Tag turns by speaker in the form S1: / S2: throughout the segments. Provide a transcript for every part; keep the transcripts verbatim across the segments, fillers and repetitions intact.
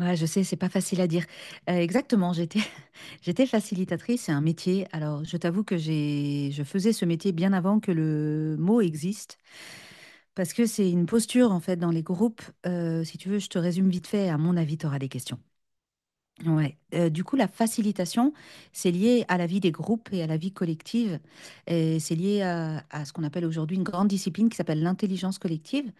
S1: Ouais, je sais, c'est pas facile à dire. Euh, exactement, j'étais j'étais facilitatrice, c'est un métier. Alors, je t'avoue que j'ai je faisais ce métier bien avant que le mot existe, parce que c'est une posture en fait dans les groupes. Euh, si tu veux, je te résume vite fait. À mon avis, tu auras des questions. Ouais, heu, du coup, la facilitation, c'est lié à la vie des groupes et à la vie collective et c'est lié à à ce qu'on appelle aujourd'hui une grande discipline qui s'appelle l'intelligence collective.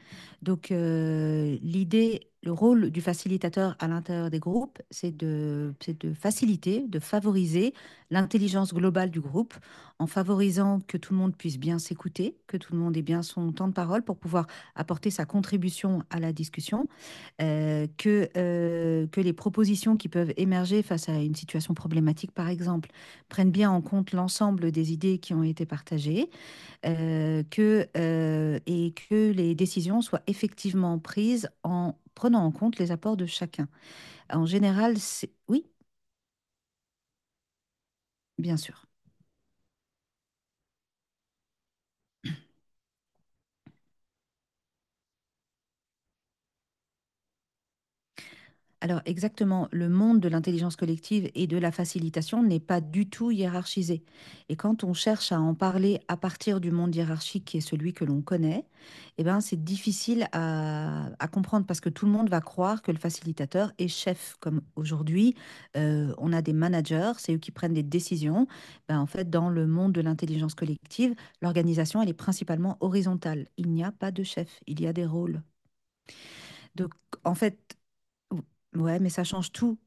S1: Donc heu, l'idée Le rôle du facilitateur à l'intérieur des groupes, c'est de c'est de faciliter, de favoriser l'intelligence globale du groupe en favorisant que tout le monde puisse bien s'écouter, que tout le monde ait bien son temps de parole pour pouvoir apporter sa contribution à la discussion euh, que, euh, que les propositions qui peuvent émerger face à une situation problématique, par exemple, prennent bien en compte l'ensemble des idées qui ont été partagées, euh, que, euh, et que les décisions soient effectivement prises en prenant en compte les apports de chacun. En général, c'est... Oui, bien sûr. Alors exactement, le monde de l'intelligence collective et de la facilitation n'est pas du tout hiérarchisé. Et quand on cherche à en parler à partir du monde hiérarchique qui est celui que l'on connaît, eh ben c'est difficile à, à comprendre parce que tout le monde va croire que le facilitateur est chef. Comme aujourd'hui, euh, on a des managers, c'est eux qui prennent des décisions. Ben, en fait, dans le monde de l'intelligence collective, l'organisation, elle est principalement horizontale. Il n'y a pas de chef, il y a des rôles. Donc en fait, Ouais, mais ça change tout.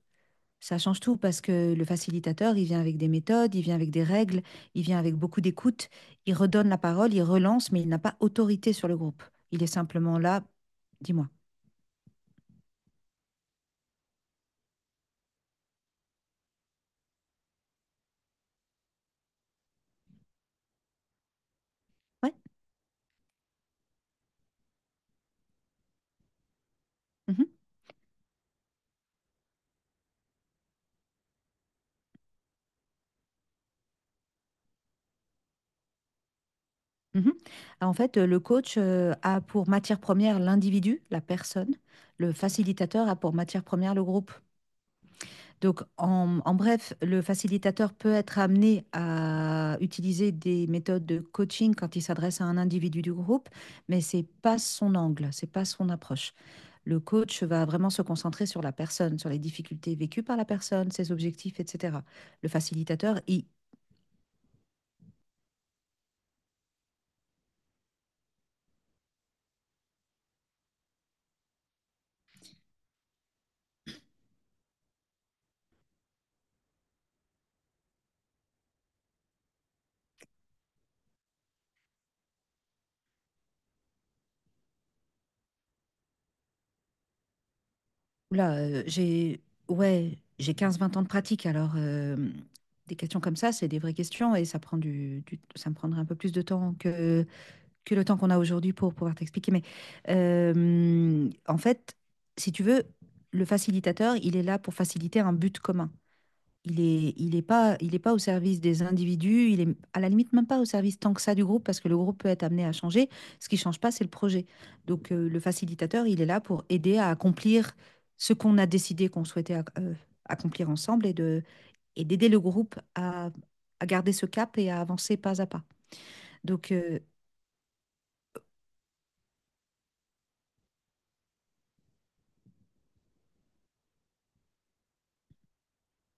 S1: Ça change tout parce que le facilitateur, il vient avec des méthodes, il vient avec des règles, il vient avec beaucoup d'écoute, il redonne la parole, il relance, mais il n'a pas autorité sur le groupe. Il est simplement là, dis-moi. Ouais. Mhm, mhm. Ah, En fait, euh, le coach euh, a pour matière première l'individu, la personne. Le facilitateur a pour matière première le groupe. Donc, en, en bref, le facilitateur peut être amené à utiliser des méthodes de coaching quand il s'adresse à un individu du groupe, mais c'est pas son angle, c'est pas son approche. Le coach va vraiment se concentrer sur la personne, sur les difficultés vécues par la personne, ses objectifs, et cætera. Le facilitateur, il, là, euh, j'ai, ouais, j'ai quinze vingt ans de pratique, alors euh, des questions comme ça, c'est des vraies questions et ça prend du, du- ça me prendrait un peu plus de temps que que le temps qu'on a aujourd'hui pour pouvoir t'expliquer. Mais euh, en fait, si tu veux, le facilitateur, il est là pour faciliter un but commun. Il est, il est pas, il est pas au service des individus. Il est à la limite même pas au service tant que ça du groupe parce que le groupe peut être amené à changer. Ce qui ne change pas, c'est le projet. Donc euh, le facilitateur, il est là pour aider à accomplir ce qu'on a décidé qu'on souhaitait ac- euh, accomplir ensemble et de, et d'aider le groupe à, à garder ce cap et à avancer pas à pas. Donc euh,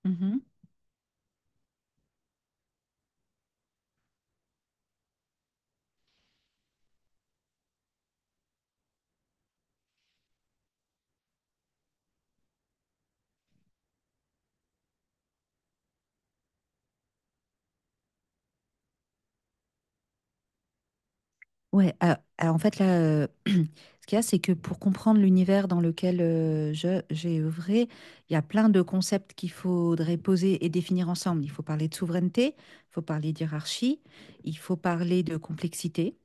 S1: mhm. Ouais, euh, alors en fait, là, euh, ce qu'il y a, c'est que pour comprendre l'univers dans lequel euh, je, j'ai œuvré, il y a plein de concepts qu'il faudrait poser et définir ensemble. Il faut parler de souveraineté, il faut parler d'hierarchie, il faut parler de complexité,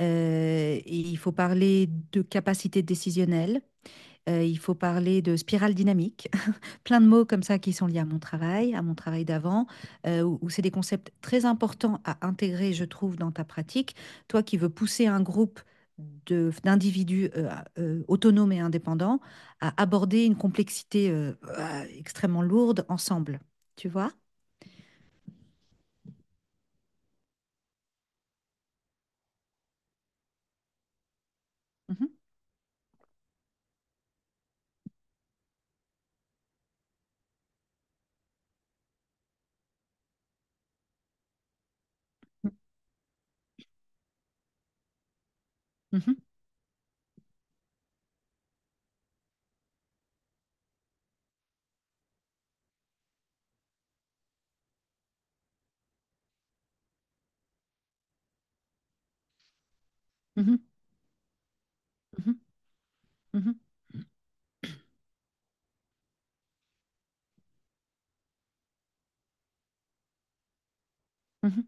S1: euh, et il faut parler de capacité décisionnelle, euh, il faut parler de spirale dynamique, plein de mots comme ça qui sont liés à mon travail, à mon travail d'avant, heu, où où c'est des concepts très importants à intégrer, je trouve, dans ta pratique. Toi qui veux pousser un groupe de d'individus, heu, à euh, autonomes et indépendants à aborder une complexité, heu, ah, extrêmement lourde ensemble, tu vois? Mmh mh. Mmh. Mmh mh. Mmh. Mmh. Mmh.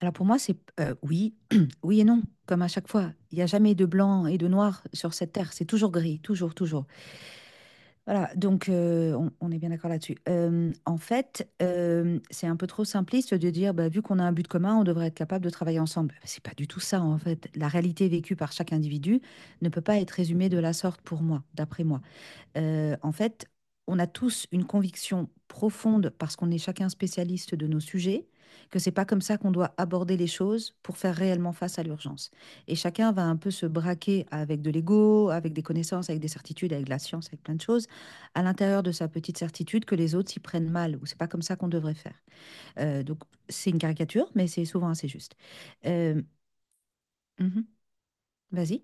S1: Alors pour moi, c'est p oui, oui et non, comme à chaque fois. Il n'y a jamais de blanc et de noir sur cette terre, c'est toujours gris, toujours, toujours. Voilà, donc euh, on, on est bien d'accord là-dessus. Euh, en fait, euh, c'est un peu trop simpliste de dire, bah, vu qu'on a un but commun, on devrait être capable de travailler ensemble. Bah, c'est pas du tout ça, en fait. La réalité vécue par chaque individu ne peut pas être résumée de la sorte pour moi, d'après moi euh, en fait, on a tous une conviction profonde, parce qu'on est chacun spécialiste de nos sujets, que c'est pas comme ça qu'on doit aborder les choses pour faire réellement face à l'urgence. Et chacun va un peu se braquer avec de l'ego, avec des connaissances, avec des certitudes, avec de la science, avec plein de choses, à l'intérieur de sa petite certitude que les autres s'y prennent mal, ou c'est pas comme ça qu'on devrait faire. Euh, donc c'est une caricature, mais c'est souvent assez juste. Euh, mhm, vas-y.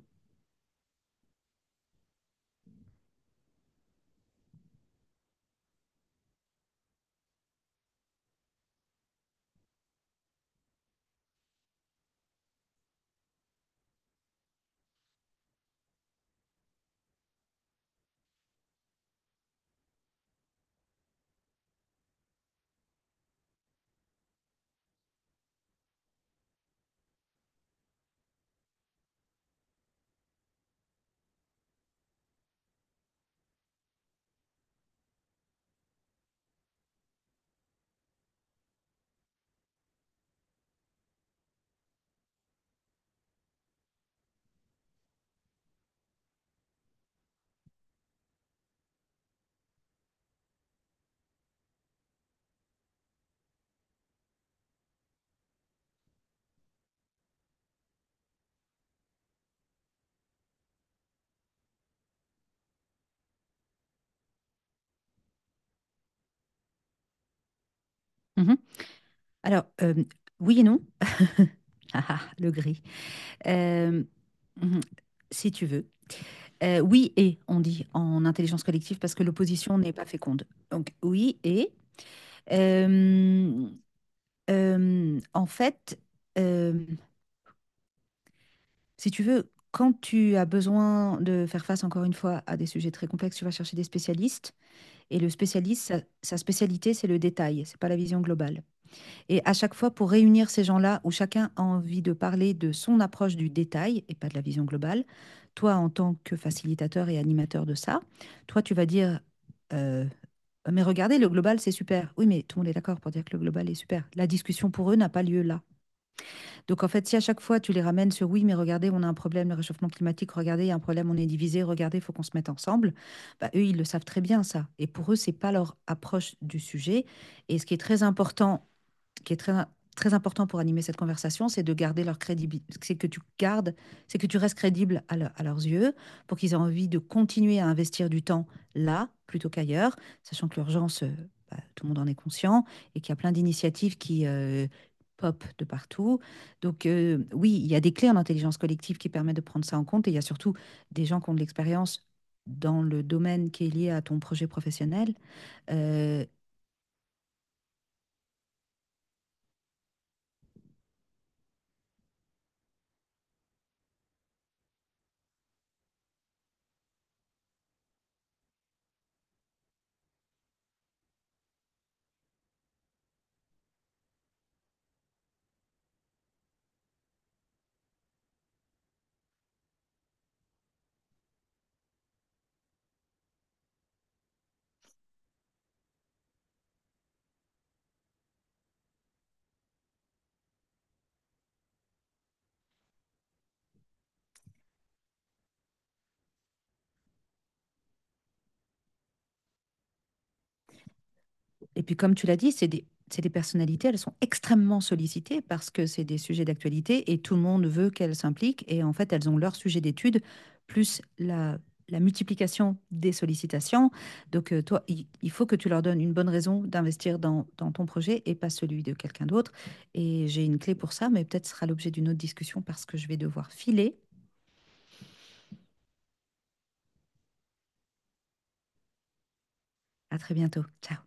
S1: Mhm. Alors, euh, oui et non. Ah, ah, le gris. Euh, mhm, si tu veux. Euh, oui et, on dit en intelligence collective, parce que l'opposition n'est pas féconde. Donc oui et. euh, euh, en fait, euh, Si tu veux, quand tu as besoin de faire face, encore une fois, à des sujets très complexes, tu vas chercher des spécialistes. Et le spécialiste, sa, sa spécialité, c'est le détail, c'est pas la vision globale. Et à chaque fois, pour réunir ces gens-là, où chacun a envie de parler de son approche du détail et pas de la vision globale, toi, en tant que facilitateur et animateur de ça, toi, tu vas dire, euh, mais regardez, le global, c'est super. Oui, mais tout le monde est d'accord pour dire que le global est super. La discussion pour eux n'a pas lieu là. Donc, en fait, si à chaque fois, tu les ramènes sur, oui, mais regardez, on a un problème, le réchauffement climatique, regardez, il y a un problème, on est divisé, regardez, il faut qu'on se mette ensemble, bah, eux, ils le savent très bien, ça. Et pour eux, c'est pas leur approche du sujet. Et ce qui est très important qui est très, très important pour animer cette conversation, c'est de garder leur crédibilité, c'est que tu gardes, c'est que tu restes crédible à, leur, à leurs yeux pour qu'ils aient envie de continuer à investir du temps là plutôt qu'ailleurs, sachant que l'urgence, euh, bah, tout le monde en est conscient et qu'il y a plein d'initiatives qui euh, pop de partout. Donc euh, oui, il y a des clés en intelligence collective qui permettent de prendre ça en compte et il y a surtout des gens qui ont de l'expérience dans le domaine qui est lié à ton projet professionnel euh, Et puis, comme tu l'as dit, c'est des, c'est des personnalités, elles sont extrêmement sollicitées parce que c'est des sujets d'actualité et tout le monde veut qu'elles s'impliquent. Et en fait, elles ont leur sujet d'étude, plus la, la multiplication des sollicitations. Donc, euh, toi, il, il faut que tu leur donnes une bonne raison d'investir dans, dans ton projet et pas celui de quelqu'un d'autre. Et j'ai une clé pour ça, mais peut-être ce sera l'objet d'une autre discussion parce que je vais devoir filer. À très bientôt. Ciao.